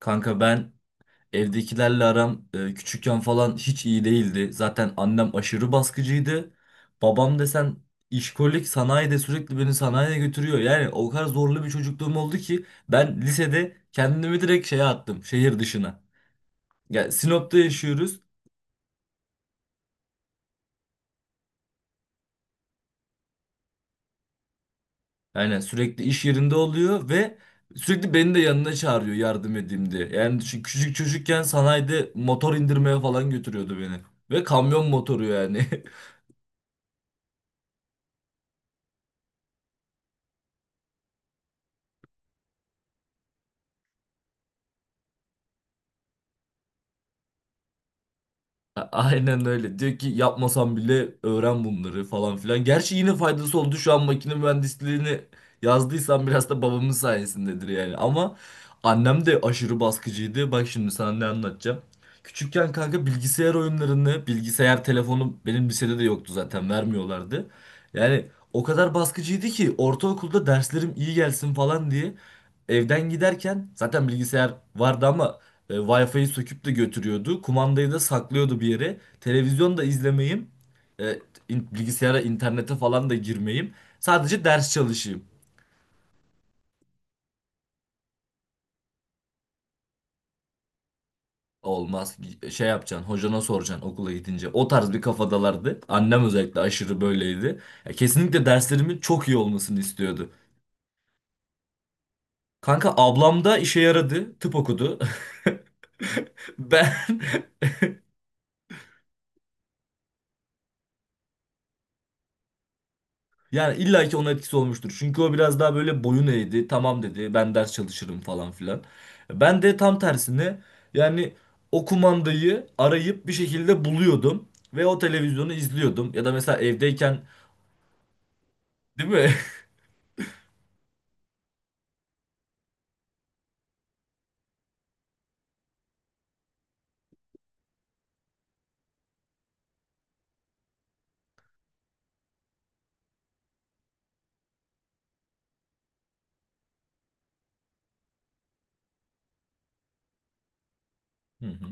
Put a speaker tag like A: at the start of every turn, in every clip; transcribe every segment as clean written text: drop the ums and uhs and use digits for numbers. A: Kanka ben evdekilerle aram küçükken falan hiç iyi değildi. Zaten annem aşırı baskıcıydı. Babam desen işkolik sanayide sürekli beni sanayiye götürüyor. Yani o kadar zorlu bir çocukluğum oldu ki ben lisede kendimi direkt şeye attım şehir dışına. Yani Sinop'ta yaşıyoruz. Yani sürekli iş yerinde oluyor ve sürekli beni de yanına çağırıyor yardım edeyim diye. Yani şu küçük çocukken sanayide motor indirmeye falan götürüyordu beni. Ve kamyon motoru yani. Aynen öyle. Diyor ki yapmasam bile öğren bunları falan filan. Gerçi yine faydası oldu şu an makine mühendisliğini yazdıysam biraz da babamın sayesindedir yani. Ama annem de aşırı baskıcıydı. Bak şimdi sana ne anlatacağım. Küçükken kanka bilgisayar oyunlarını, bilgisayar telefonu benim lisede de yoktu zaten vermiyorlardı. Yani o kadar baskıcıydı ki ortaokulda derslerim iyi gelsin falan diye evden giderken zaten bilgisayar vardı ama Wi-Fi'yi söküp de götürüyordu. Kumandayı da saklıyordu bir yere. Televizyon da izlemeyeyim. E, bilgisayara, internete falan da girmeyeyim. Sadece ders çalışayım. Olmaz. Şey yapacaksın, hocana soracaksın okula gidince. O tarz bir kafadalardı. Annem özellikle aşırı böyleydi. Ya, kesinlikle derslerimin çok iyi olmasını istiyordu. Kanka ablam da işe yaradı. Tıp okudu. Ben Yani illa ki onun etkisi olmuştur. Çünkü o biraz daha böyle boyun eğdi. Tamam dedi ben ders çalışırım falan filan. Ben de tam tersine yani o kumandayı arayıp bir şekilde buluyordum. Ve o televizyonu izliyordum. Ya da mesela evdeyken değil mi? Hı hı,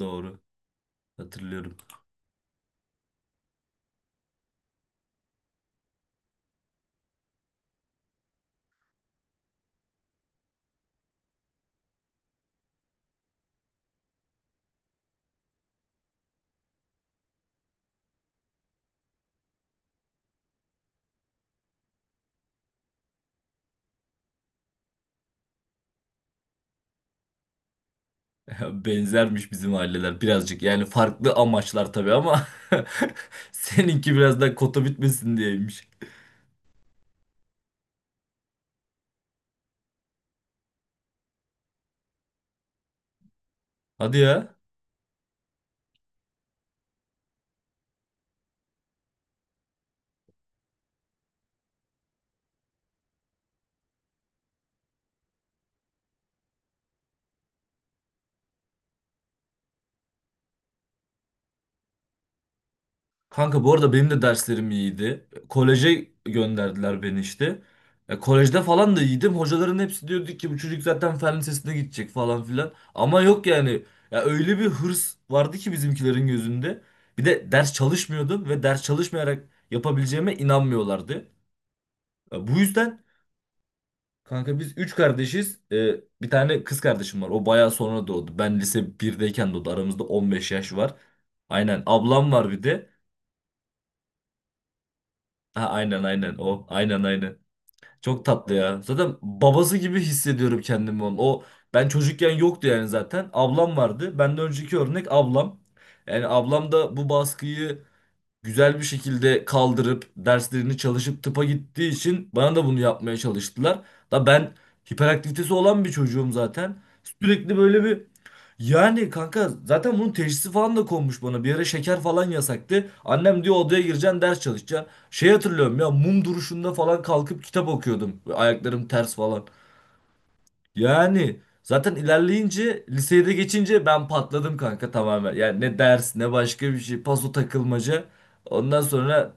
A: doğru hatırlıyorum. Benzermiş bizim aileler birazcık. Yani farklı amaçlar tabii ama seninki biraz daha kota bitmesin diyeymiş. Hadi ya. Kanka bu arada benim de derslerim iyiydi. Koleje gönderdiler beni işte. Kolejde falan da iyiydim. Hocaların hepsi diyordu ki bu çocuk zaten fen lisesine gidecek falan filan. Ama yok yani. Ya öyle bir hırs vardı ki bizimkilerin gözünde. Bir de ders çalışmıyordum ve ders çalışmayarak yapabileceğime inanmıyorlardı. Bu yüzden kanka biz üç kardeşiz. Bir tane kız kardeşim var. O bayağı sonra doğdu. Ben lise birdeyken doğdu. Aramızda 15 yaş var. Aynen ablam var bir de. Ha, aynen aynen o aynen aynen. Çok tatlı ya. Zaten babası gibi hissediyorum kendimi onun. O ben çocukken yoktu yani zaten. Ablam vardı. Benden önceki örnek ablam. Yani ablam da bu baskıyı güzel bir şekilde kaldırıp derslerini çalışıp tıpa gittiği için bana da bunu yapmaya çalıştılar. Da ben hiperaktivitesi olan bir çocuğum zaten. Sürekli böyle bir yani kanka zaten bunun teşhisi falan da konmuş bana. Bir ara şeker falan yasaktı. Annem diyor odaya gireceksin ders çalışacaksın. Şey hatırlıyorum ya mum duruşunda falan kalkıp kitap okuyordum. Ayaklarım ters falan. Yani zaten ilerleyince liseye de geçince ben patladım kanka tamamen. Yani ne ders ne başka bir şey. Paso takılmaca. Ondan sonra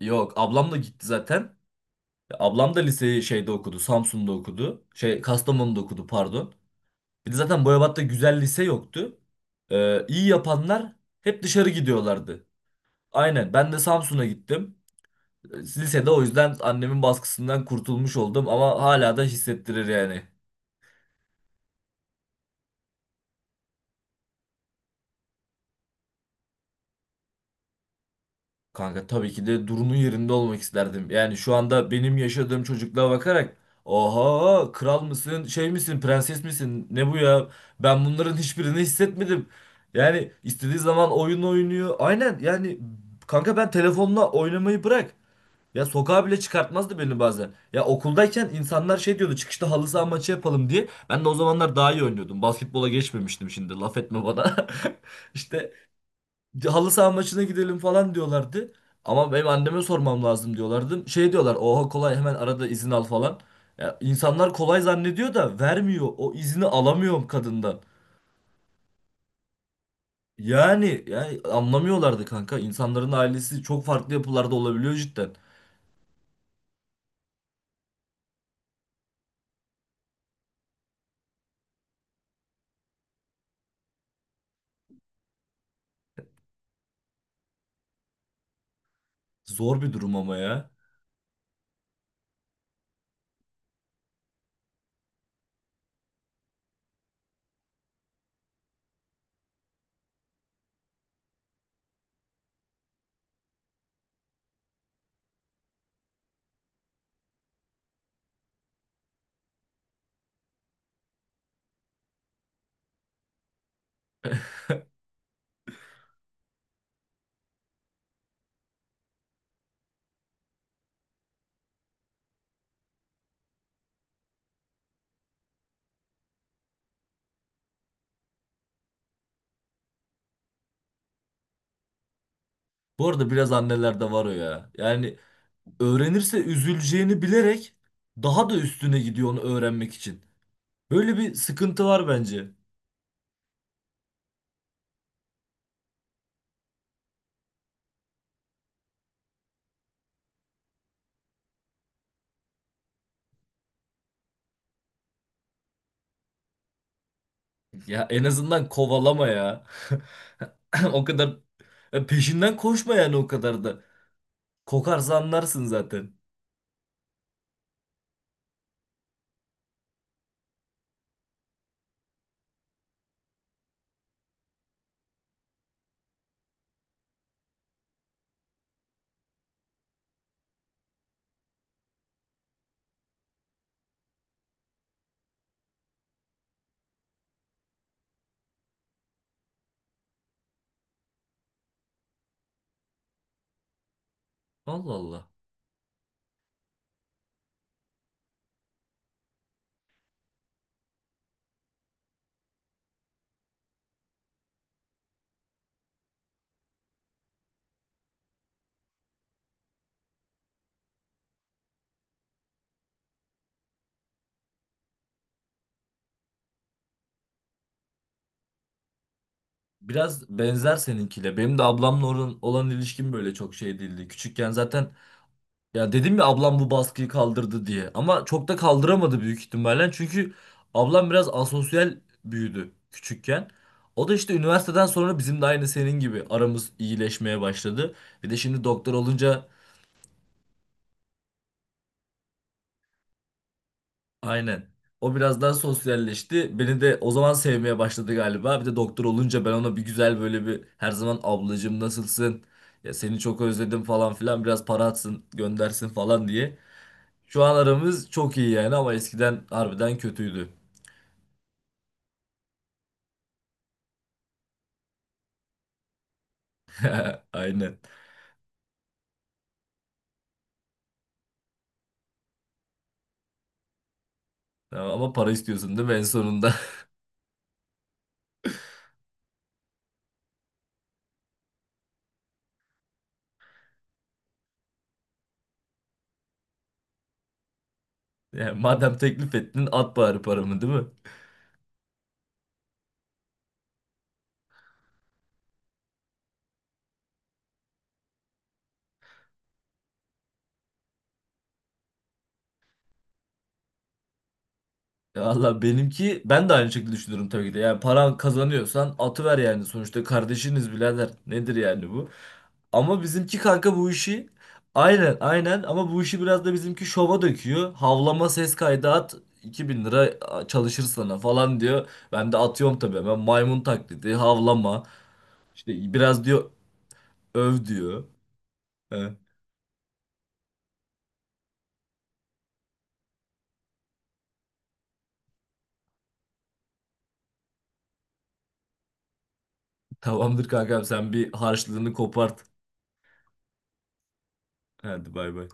A: Yok ablam da gitti zaten. Ablam da liseyi şeyde okudu. Samsun'da okudu. Şey Kastamonu'da okudu pardon. Bir de zaten Boyabat'ta güzel lise yoktu. İyi yapanlar hep dışarı gidiyorlardı. Aynen ben de Samsun'a gittim. Lisede o yüzden annemin baskısından kurtulmuş oldum ama hala da hissettirir yani. Kanka tabii ki de Duru'nun yerinde olmak isterdim. Yani şu anda benim yaşadığım çocukluğa bakarak oha kral mısın şey misin prenses misin ne bu ya ben bunların hiçbirini hissetmedim. Yani istediği zaman oyun oynuyor. Aynen yani kanka ben telefonla oynamayı bırak. Ya sokağa bile çıkartmazdı beni bazen. Ya okuldayken insanlar şey diyordu çıkışta halı saha maçı yapalım diye. Ben de o zamanlar daha iyi oynuyordum. Basketbola geçmemiştim şimdi laf etme bana. İşte halı saha maçına gidelim falan diyorlardı. Ama benim anneme sormam lazım diyorlardı. Şey diyorlar oha kolay hemen arada izin al falan. Ya, insanlar kolay zannediyor da vermiyor. O izni alamıyorum kadından. Yani, yani anlamıyorlardı kanka. İnsanların ailesi çok farklı yapılarda olabiliyor cidden. Zor bir durum ama ya. Bu arada biraz annelerde var o ya. Yani öğrenirse üzüleceğini bilerek daha da üstüne gidiyor onu öğrenmek için. Böyle bir sıkıntı var bence. Ya en azından kovalama ya. O kadar peşinden koşma yani o kadar da. Kokarsa anlarsın zaten. Allah Allah. Biraz benzer seninkiyle. Benim de ablamla olan ilişkim böyle çok şey değildi. Küçükken zaten ya dedim ya ablam bu baskıyı kaldırdı diye. Ama çok da kaldıramadı büyük ihtimalle. Çünkü ablam biraz asosyal büyüdü küçükken. O da işte üniversiteden sonra bizim de aynı senin gibi aramız iyileşmeye başladı. Bir de şimdi doktor olunca Aynen. O biraz daha sosyalleşti. Beni de o zaman sevmeye başladı galiba. Bir de doktor olunca ben ona bir güzel böyle bir her zaman ablacığım nasılsın? Ya seni çok özledim falan filan biraz para atsın göndersin falan diye. Şu an aramız çok iyi yani ama eskiden harbiden kötüydü. Aynen. Tamam, ama para istiyorsun değil mi en sonunda? Yani madem teklif ettin at bari paramı değil mi? Valla benimki ben de aynı şekilde düşünüyorum tabii ki de. Yani paran kazanıyorsan atıver yani sonuçta kardeşiniz birader. Nedir yani bu? Ama bizimki kanka bu işi aynen aynen ama bu işi biraz da bizimki şova döküyor. Havlama ses kaydı at 2.000 lira çalışır sana falan diyor. Ben de atıyorum tabii hemen maymun taklidi havlama işte biraz diyor öv diyor. He, tamamdır kankam sen bir harçlığını kopart. Hadi bay bay.